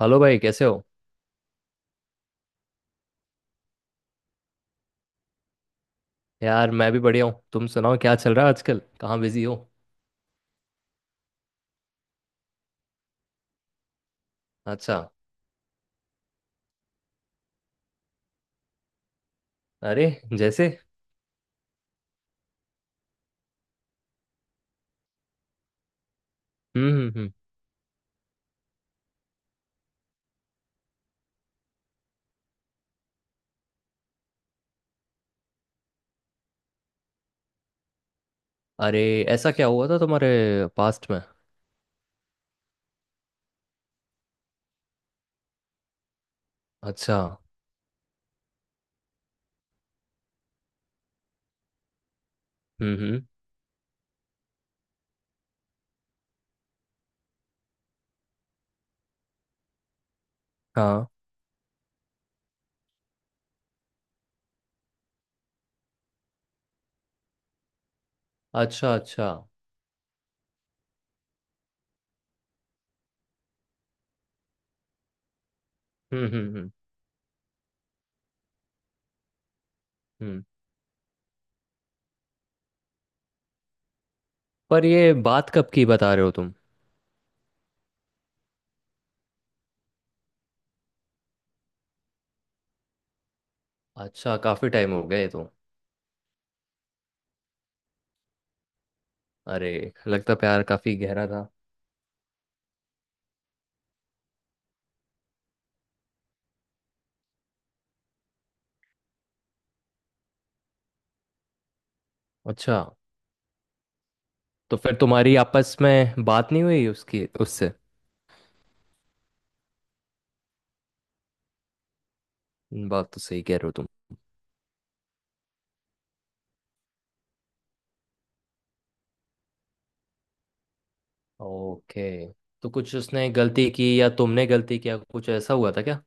Hello भाई, कैसे हो? यार, मैं भी बढ़िया हूँ। तुम सुनाओ, क्या चल रहा है आजकल? कहाँ बिजी हो? अच्छा। अरे, जैसे? हम्म, हम्म, हम्म। अरे, ऐसा क्या हुआ था तुम्हारे पास्ट में? अच्छा। हम्म, हम्म। हाँ। अच्छा, अच्छा। हम्म, हम्म, हम्म, हम्म। पर ये बात कब की बता रहे हो तुम? अच्छा, काफी टाइम हो गए तो। अरे, लगता प्यार काफी गहरा था। अच्छा। तो फिर तुम्हारी आपस में बात नहीं हुई उसकी, उससे? बात तो सही कह रहे हो तुम। ओके। तो कुछ उसने गलती की या तुमने गलती किया, कुछ ऐसा हुआ था क्या?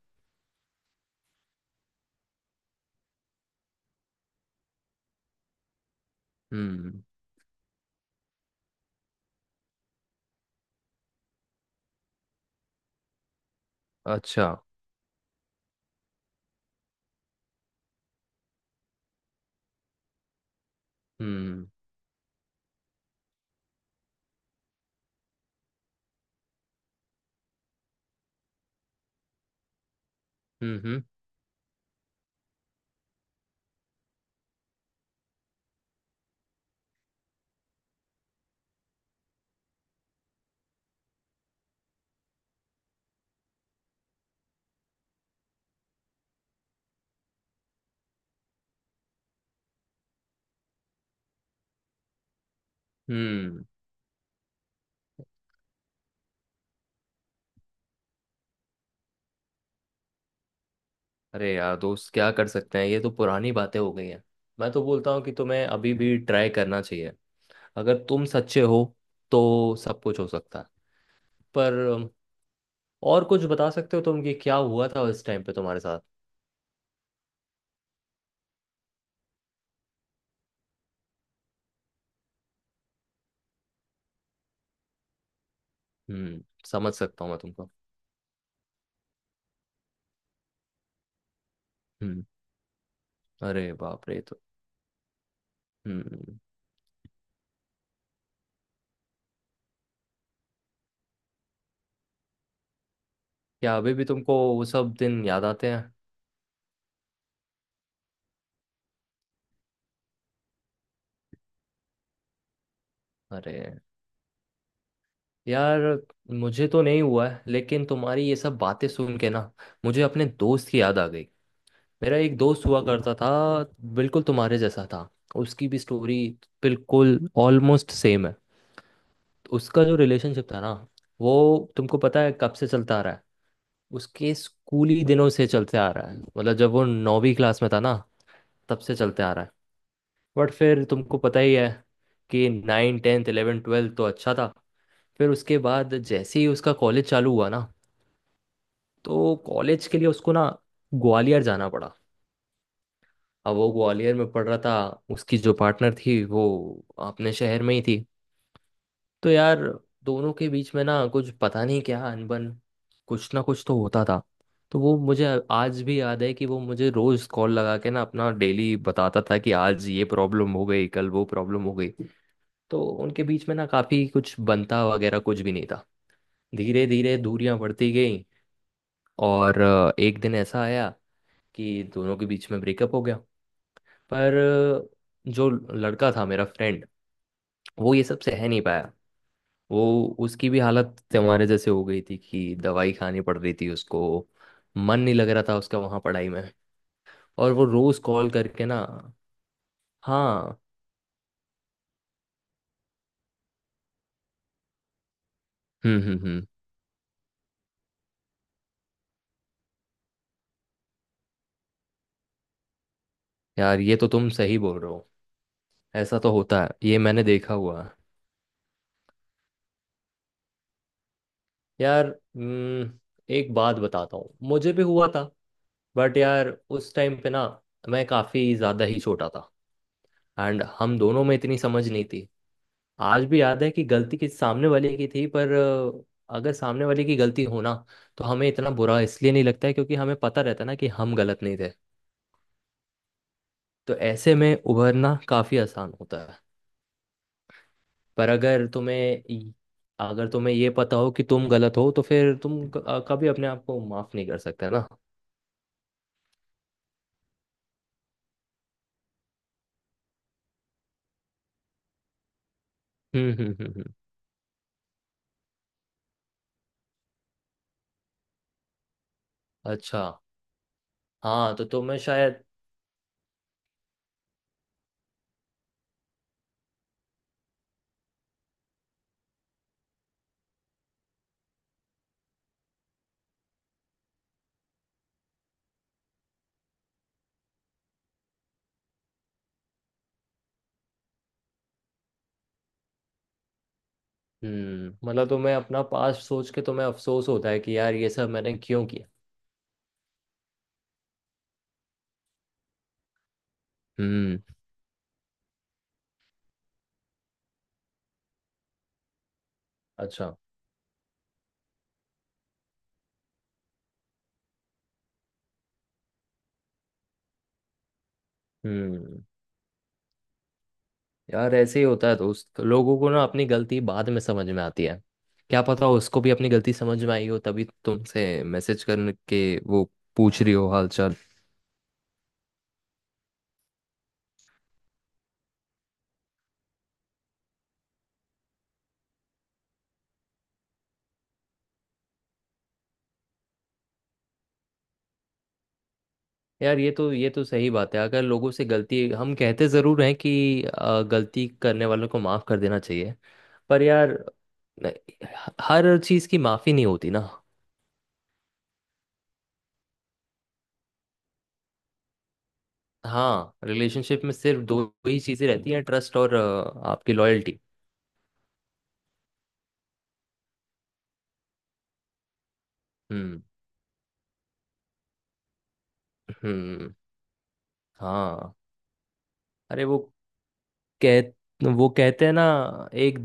हम्म। अच्छा। हम्म, हम्म, हम्म, हम्म। अरे यार, दोस्त क्या कर सकते हैं, ये तो पुरानी बातें हो गई हैं। मैं तो बोलता हूँ कि तुम्हें अभी भी ट्राई करना चाहिए। अगर तुम सच्चे हो तो सब कुछ हो सकता है। पर और कुछ बता सकते हो तुम कि क्या हुआ था उस टाइम पे तुम्हारे साथ? समझ सकता हूँ मैं तुमको। हम्म। अरे बाप रे। तो हम्म। क्या अभी भी तुमको वो सब दिन याद आते हैं? अरे यार, मुझे तो नहीं हुआ है, लेकिन तुम्हारी ये सब बातें सुन के ना, मुझे अपने दोस्त की याद आ गई। मेरा एक दोस्त हुआ करता था, बिल्कुल तुम्हारे जैसा था। उसकी भी स्टोरी बिल्कुल ऑलमोस्ट सेम है। उसका जो रिलेशनशिप था ना वो, तुमको पता है कब से चलता आ रहा है? उसके स्कूली दिनों से चलते आ रहा है। मतलब जब वो नौवीं क्लास में था ना, तब से चलते आ रहा है। बट फिर तुमको पता ही है कि नाइन, टेंथ, इलेवन, ट्वेल्थ तो अच्छा था। फिर उसके बाद जैसे ही उसका कॉलेज चालू हुआ ना, तो कॉलेज के लिए उसको ना ग्वालियर जाना पड़ा। अब वो ग्वालियर में पढ़ रहा था। उसकी जो पार्टनर थी वो अपने शहर में ही थी। तो यार, दोनों के बीच में ना कुछ पता नहीं क्या अनबन, कुछ ना कुछ तो होता था। तो वो मुझे आज भी याद है कि वो मुझे रोज कॉल लगा के ना अपना डेली बताता था कि आज ये प्रॉब्लम हो गई, कल वो प्रॉब्लम हो गई। तो उनके बीच में ना काफी कुछ बनता वगैरह कुछ भी नहीं था। धीरे धीरे दूरियां बढ़ती गई। और एक दिन ऐसा आया कि दोनों के बीच में ब्रेकअप हो गया। पर जो लड़का था मेरा फ्रेंड, वो ये सब सह नहीं पाया। वो, उसकी भी हालत हमारे जैसे हो गई थी कि दवाई खानी पड़ रही थी उसको। मन नहीं लग रहा था उसका वहाँ पढ़ाई में। और वो रोज कॉल करके ना। हाँ। हम्म, हम्म, हम्म। यार, ये तो तुम सही बोल रहे हो। ऐसा तो होता है, ये मैंने देखा हुआ है। यार, एक बात बताता हूँ। मुझे भी हुआ था, बट यार उस टाइम पे ना मैं काफी ज्यादा ही छोटा था। एंड हम दोनों में इतनी समझ नहीं थी। आज भी याद है कि गलती किस सामने वाले की थी, पर अगर सामने वाले की गलती हो ना, तो हमें इतना बुरा इसलिए नहीं लगता है, क्योंकि हमें पता रहता है ना कि हम गलत नहीं थे। तो ऐसे में उभरना काफी आसान होता है। पर अगर तुम्हें इ- अगर तुम्हें ये पता हो कि तुम गलत हो, तो फिर तुम कभी अपने आप को माफ नहीं कर सकते ना। हम्म, हम्म, हम्म, अच्छा। हाँ, तो तुम्हें शायद। मतलब तो मैं अपना पास्ट सोच के, तो मैं अफसोस होता है कि यार ये सब मैंने क्यों किया। हम्म। अच्छा। हम्म। यार, ऐसे ही होता है दोस्त। तो लोगों को ना अपनी गलती बाद में समझ में आती है। क्या पता उसको भी अपनी गलती समझ में आई हो, तभी तुमसे मैसेज करके वो पूछ रही हो हालचाल। यार ये तो, ये तो सही बात है। अगर लोगों से गलती, हम कहते ज़रूर हैं कि गलती करने वालों को माफ़ कर देना चाहिए, पर यार, नहीं, हर चीज़ की माफ़ी नहीं होती ना। हाँ, रिलेशनशिप में सिर्फ दो ही चीजें रहती हैं, ट्रस्ट और आपकी लॉयल्टी। हम्म, हम्म। हाँ। अरे कह वो कहते हैं ना, एक,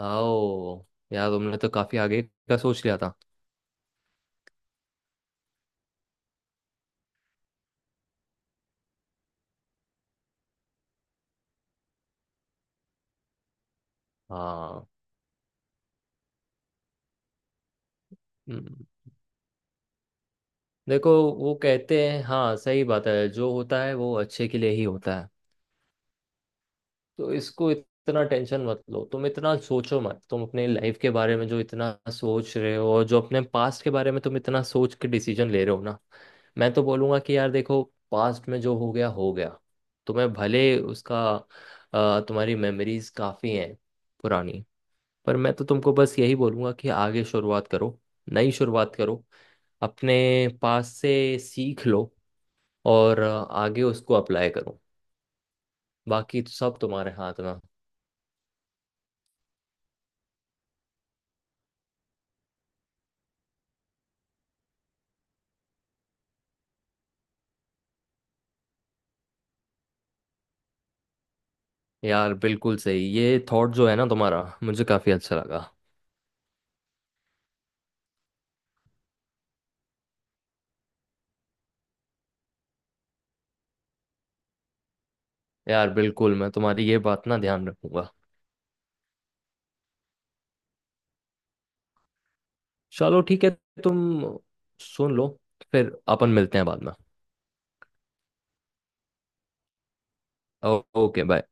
आओ। यार, तुमने तो काफी आगे का सोच लिया था। हाँ। हम्म, देखो, वो कहते हैं, हाँ, सही बात है, जो होता है वो अच्छे के लिए ही होता है। तो इसको इतना टेंशन मत लो तुम, इतना सोचो मत तुम अपने लाइफ के बारे में। जो इतना सोच रहे हो और जो अपने पास्ट के बारे में तुम इतना सोच के डिसीजन ले रहे हो ना, मैं तो बोलूंगा कि यार देखो, पास्ट में जो हो गया हो गया। तुम्हें भले उसका, तुम्हारी मेमोरीज काफ़ी हैं पुरानी, पर मैं तो तुमको बस यही बोलूंगा कि आगे शुरुआत करो, नई शुरुआत करो। अपने पास से सीख लो, और आगे उसको अप्लाई करो। बाकी तो सब तुम्हारे हाथ में। यार बिल्कुल सही, ये थॉट जो है ना तुम्हारा, मुझे काफी अच्छा लगा। यार बिल्कुल, मैं तुम्हारी ये बात ना ध्यान रखूंगा। चलो ठीक है, तुम सुन लो, फिर अपन मिलते हैं बाद में। Okay, bye.